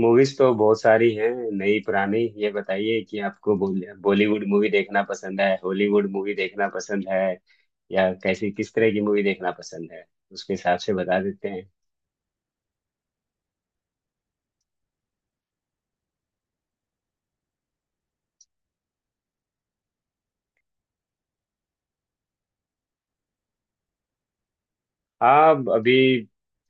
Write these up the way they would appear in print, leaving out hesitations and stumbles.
Movies तो बहुत सारी हैं, नई पुरानी। ये बताइए कि आपको बॉलीवुड मूवी देखना पसंद है, हॉलीवुड मूवी देखना पसंद है, या कैसी किस तरह की मूवी देखना पसंद है। उसके हिसाब से बता देते हैं। हाँ अभी,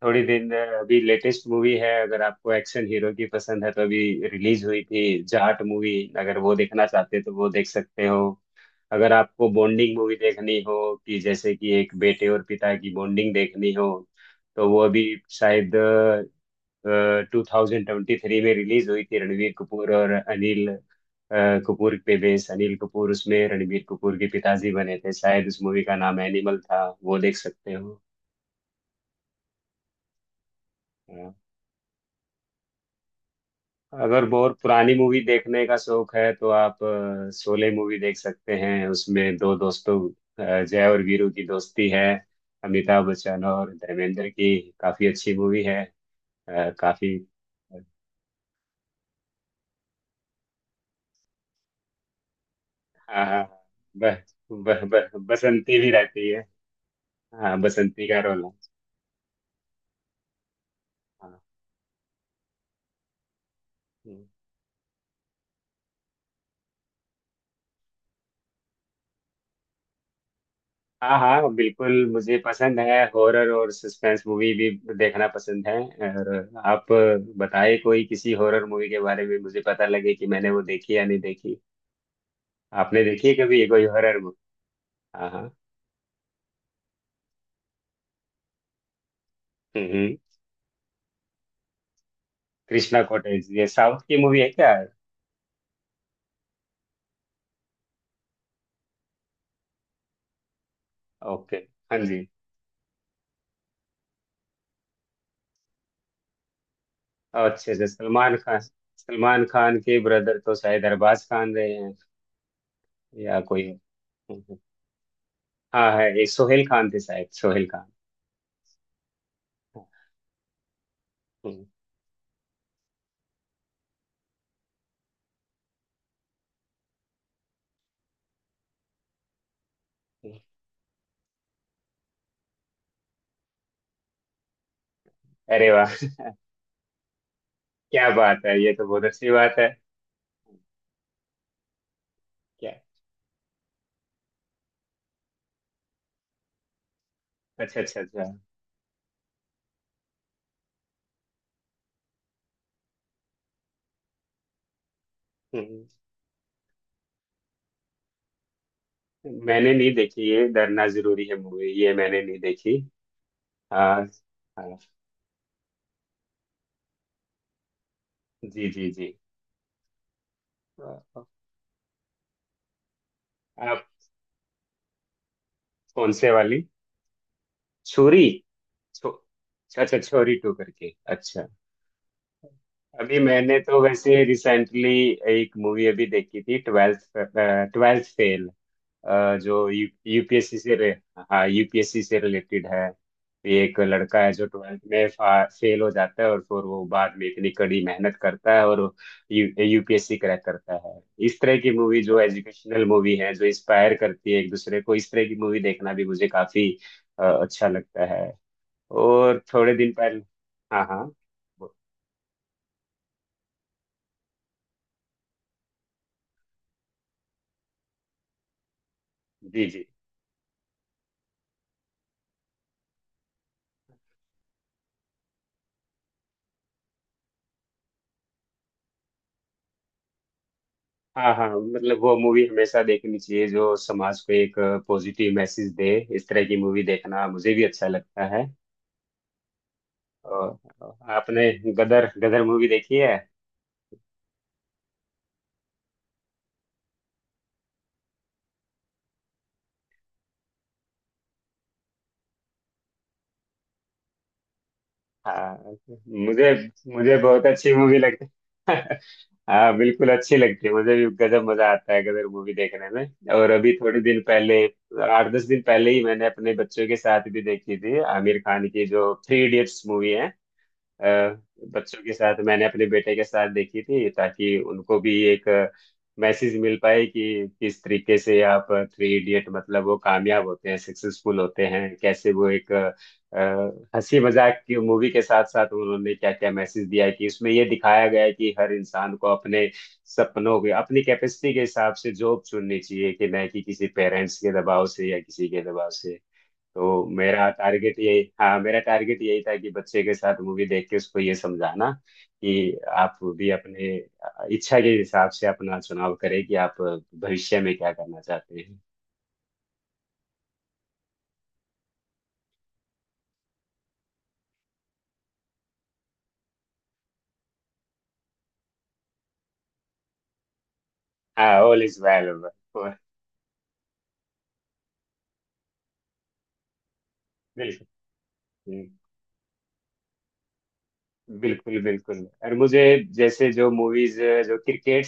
थोड़ी दिन अभी लेटेस्ट मूवी है। अगर आपको एक्शन हीरो की पसंद है तो अभी रिलीज हुई थी जाट मूवी। अगर वो देखना चाहते हैं तो वो देख सकते हो। अगर आपको बॉन्डिंग मूवी देखनी हो, कि जैसे कि एक बेटे और पिता की बॉन्डिंग देखनी हो, तो वो अभी शायद 2023 में रिलीज हुई थी। रणवीर कपूर और अनिल कपूर पे बेस, अनिल कपूर उसमें रणवीर कपूर के पिताजी बने थे। शायद उस मूवी का नाम एनिमल था, वो देख सकते हो। हाँ। अगर बहुत पुरानी मूवी देखने का शौक है तो आप शोले मूवी देख सकते हैं। उसमें दो दोस्तों, जय और वीरू की दोस्ती है। अमिताभ बच्चन और धर्मेंद्र की काफी अच्छी मूवी है। काफी। हाँ हाँ। ब, ब, ब, बसंती भी रहती है। हाँ, बसंती का रोल है। हाँ। हम्म। हाँ हाँ, बिल्कुल मुझे पसंद है। हॉरर और सस्पेंस मूवी भी देखना पसंद है। और आप बताए कोई किसी हॉरर मूवी के बारे में, मुझे पता लगे कि मैंने वो देखी या नहीं देखी। आपने देखी है कभी ये कोई हॉरर मूवी? हाँ हाँ। हम्म हम्म। कृष्णा कॉटेज, ये साउथ की मूवी है क्या? ओके। हाँ जी। अच्छा अच्छा। सलमान खान, सलमान खान के ब्रदर तो शायद अरबाज खान रहे हैं, या कोई। हम्म, हम्म। हाँ है, ये सोहेल खान थे, शायद सोहेल खान। हाँ। हम्म। हम्म। अरे वाह! क्या बात है, ये तो बहुत अच्छी बात है। क्या? अच्छा अच्छा अच्छा। हम्म, मैंने नहीं देखी ये डरना जरूरी है मूवी, ये मैंने नहीं देखी। हाँ। हाँ जी जी जी। आप? कौन से वाली? छुरी छो अच्छा, छोरी टू करके, अच्छा। अभी मैंने तो वैसे रिसेंटली एक मूवी अभी देखी थी, ट्वेल्थ ट्वेल्थ फेल। जो यू यूपीएससी से रे हाँ, यूपीएससी से रिलेटेड है। ये एक लड़का है जो ट्वेल्थ में फेल हो जाता है, और फिर वो बाद में इतनी कड़ी मेहनत करता है और यू यूपीएससी क्रैक करता है। इस तरह की मूवी जो एजुकेशनल मूवी है, जो इंस्पायर करती है एक दूसरे को, इस तरह की मूवी देखना भी मुझे काफी अच्छा लगता है। और थोड़े दिन पहले। हाँ हाँ। जी जी। हाँ हाँ, मतलब वो मूवी हमेशा देखनी चाहिए जो समाज को एक पॉजिटिव मैसेज दे। इस तरह की मूवी देखना मुझे भी अच्छा लगता है। और आपने गदर गदर मूवी देखी है? हाँ। मुझे मुझे बहुत अच्छी मूवी लगती है। हाँ बिल्कुल अच्छी लगती है। मुझे भी गजब मजा आता है गदर मूवी देखने में। और अभी थोड़े दिन पहले, आठ दस दिन पहले ही मैंने अपने बच्चों के साथ भी देखी थी आमिर खान की जो थ्री इडियट्स मूवी। अ, बच्चों के साथ, मैंने अपने बेटे के साथ देखी थी ताकि उनको भी एक मैसेज मिल पाए कि किस तरीके से आप, थ्री इडियट मतलब वो कामयाब होते हैं, सक्सेसफुल होते हैं, कैसे वो एक हंसी मजाक की मूवी के साथ साथ उन्होंने क्या क्या मैसेज दिया है, कि उसमें ये दिखाया गया है कि हर इंसान को अपने सपनों के, अपनी कैपेसिटी के हिसाब से जॉब चुननी चाहिए, कि न कि किसी पेरेंट्स के दबाव से या किसी के दबाव से। तो मेरा टारगेट यही, हाँ मेरा टारगेट यही था कि बच्चे के साथ मूवी देख के उसको ये समझाना कि आप भी अपने इच्छा के हिसाब से अपना चुनाव करें, कि आप भविष्य में क्या करना चाहते हैं। हाँ, ऑल इज वेल। बिल्कुल बिल्कुल। बिल्कुल, और मुझे जैसे जो मूवीज जो क्रिकेट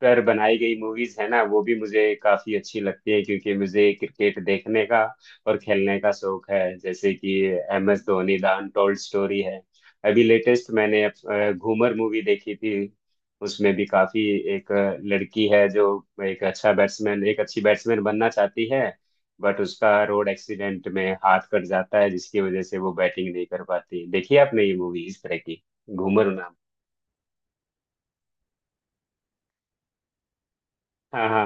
पर बनाई गई मूवीज है ना, वो भी मुझे काफी अच्छी लगती है क्योंकि मुझे क्रिकेट देखने का और खेलने का शौक है। जैसे कि M S Dhoni the untold story है। अभी लेटेस्ट मैंने घूमर मूवी देखी थी। उसमें भी काफी, एक लड़की है जो एक अच्छा बैट्समैन, एक अच्छी बैट्समैन बनना चाहती है। बट उसका रोड एक्सीडेंट में हाथ कट जाता है जिसकी वजह से वो बैटिंग नहीं कर पाती। देखिए आपने ये मूवी इस तरह की, घूमर नाम। हाँ हाँ।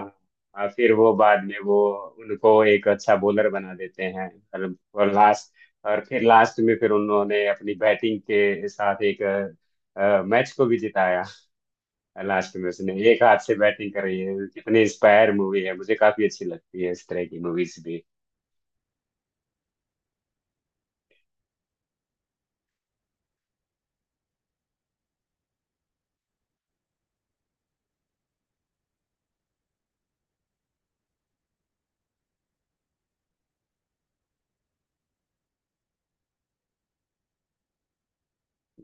और फिर वो बाद में वो उनको एक अच्छा बॉलर बना देते हैं। और लास्ट, और फिर लास्ट में फिर उन्होंने अपनी बैटिंग के साथ एक मैच को भी जिताया। लास्ट में उसने एक हाथ से बैटिंग कर रही है। कितनी इंस्पायर मूवी है, मुझे काफी अच्छी लगती है इस तरह की मूवीज।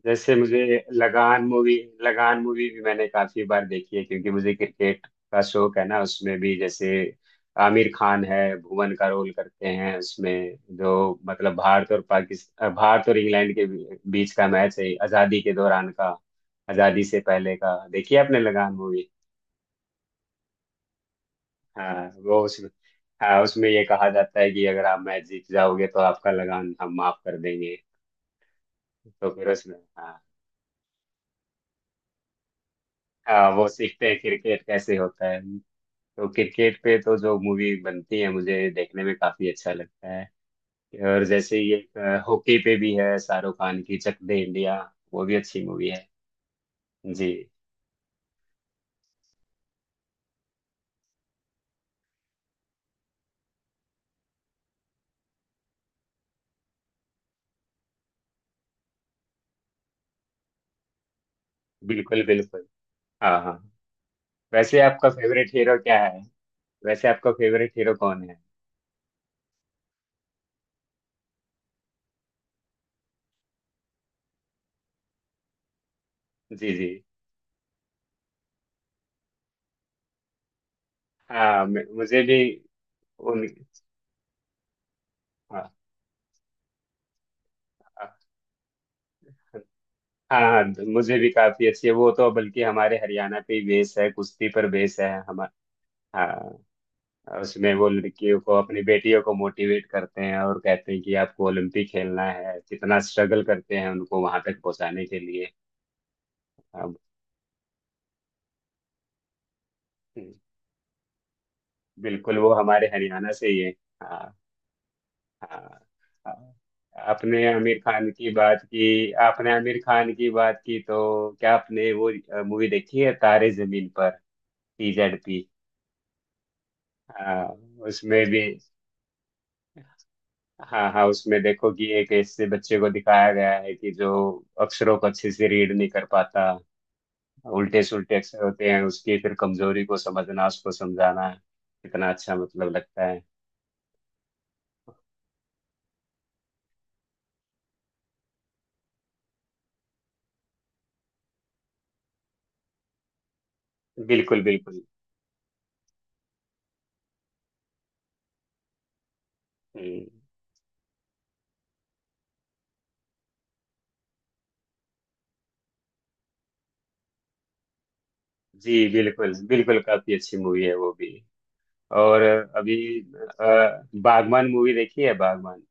जैसे मुझे लगान मूवी लगान मूवी भी मैंने काफी बार देखी है क्योंकि मुझे क्रिकेट का शौक है ना। उसमें भी जैसे आमिर खान है, भुवन का रोल करते हैं उसमें जो, मतलब भारत और पाकिस्तान, भारत और इंग्लैंड के बीच का मैच है, आजादी के दौरान का, आजादी से पहले का। देखिए आपने लगान मूवी। हाँ वो उसमें। हाँ, उसमें ये कहा जाता है कि अगर आप मैच जीत जाओगे तो आपका लगान हम माफ कर देंगे। तो फिर उसमें, हाँ हाँ, वो सीखते हैं क्रिकेट कैसे होता है। तो क्रिकेट पे तो जो मूवी बनती है, मुझे देखने में काफी अच्छा लगता है। और जैसे ये एक, हॉकी पे भी है शाहरुख खान की, चक दे इंडिया, वो भी अच्छी मूवी है। जी बिल्कुल बिल्कुल। हाँ हाँ। वैसे आपका फेवरेट हीरो क्या है? वैसे आपका फेवरेट हीरो कौन है? जी जी। हाँ, मुझे भी। उन हाँ हाँ हाँ, मुझे भी काफी अच्छी है वो। तो बल्कि हमारे हरियाणा पे ही बेस है, कुश्ती पर बेस है हमारा। हाँ, उसमें वो लड़कियों को, अपनी बेटियों को मोटिवेट करते हैं और कहते हैं कि आपको ओलंपिक खेलना है। कितना स्ट्रगल करते हैं उनको वहां तक पहुंचाने के लिए। अब बिल्कुल वो हमारे हरियाणा से ही है। हाँ। हाँ हाँ। आपने आमिर खान की बात की तो क्या आपने वो मूवी देखी है, तारे जमीन पर, टीजेड पी? हाँ उसमें भी। हाँ हाँ, उसमें देखो कि एक ऐसे बच्चे को दिखाया गया है कि जो अक्षरों को अच्छे से रीड नहीं कर पाता, उल्टे सुल्टे अक्षर होते हैं। उसकी फिर कमजोरी को समझना, उसको समझाना कितना अच्छा मतलब लगता है। बिल्कुल बिल्कुल। हम्म, जी बिल्कुल बिल्कुल। काफी अच्छी मूवी है वो भी। और अभी अ, बागवान मूवी देखी है, बागवान?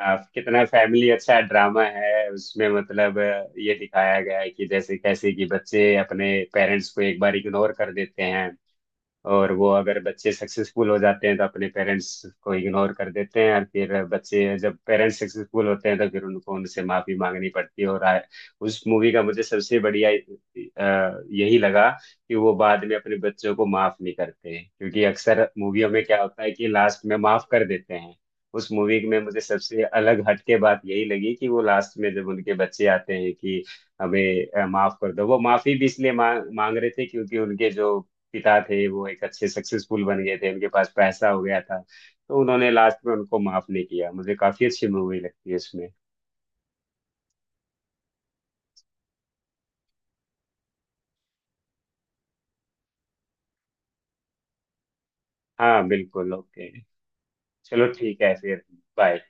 कितना फैमिली अच्छा ड्रामा है उसमें। मतलब ये दिखाया गया है कि जैसे कैसे कि बच्चे अपने पेरेंट्स को एक बार इग्नोर कर देते हैं। और वो, अगर बच्चे सक्सेसफुल हो जाते हैं तो अपने पेरेंट्स को इग्नोर कर देते हैं, और फिर बच्चे जब पेरेंट्स सक्सेसफुल होते हैं तो फिर उनको उनसे माफी मांगनी पड़ती है। और उस मूवी का मुझे सबसे बढ़िया यही लगा, कि वो बाद में अपने बच्चों को माफ नहीं करते हैं क्योंकि अक्सर मूवियों में क्या होता है कि लास्ट में माफ कर देते हैं। उस मूवी में मुझे सबसे अलग हटके बात यही लगी कि वो लास्ट में जब उनके बच्चे आते हैं कि हमें माफ कर दो, वो माफी भी इसलिए मांग मांग रहे थे क्योंकि उनके जो पिता थे, वो एक अच्छे सक्सेसफुल बन गए थे, उनके पास पैसा हो गया था। तो उन्होंने लास्ट में उनको माफ नहीं किया। मुझे काफी अच्छी मूवी लगती है इसमें। हाँ बिल्कुल ओके। चलो ठीक है फिर। बाय।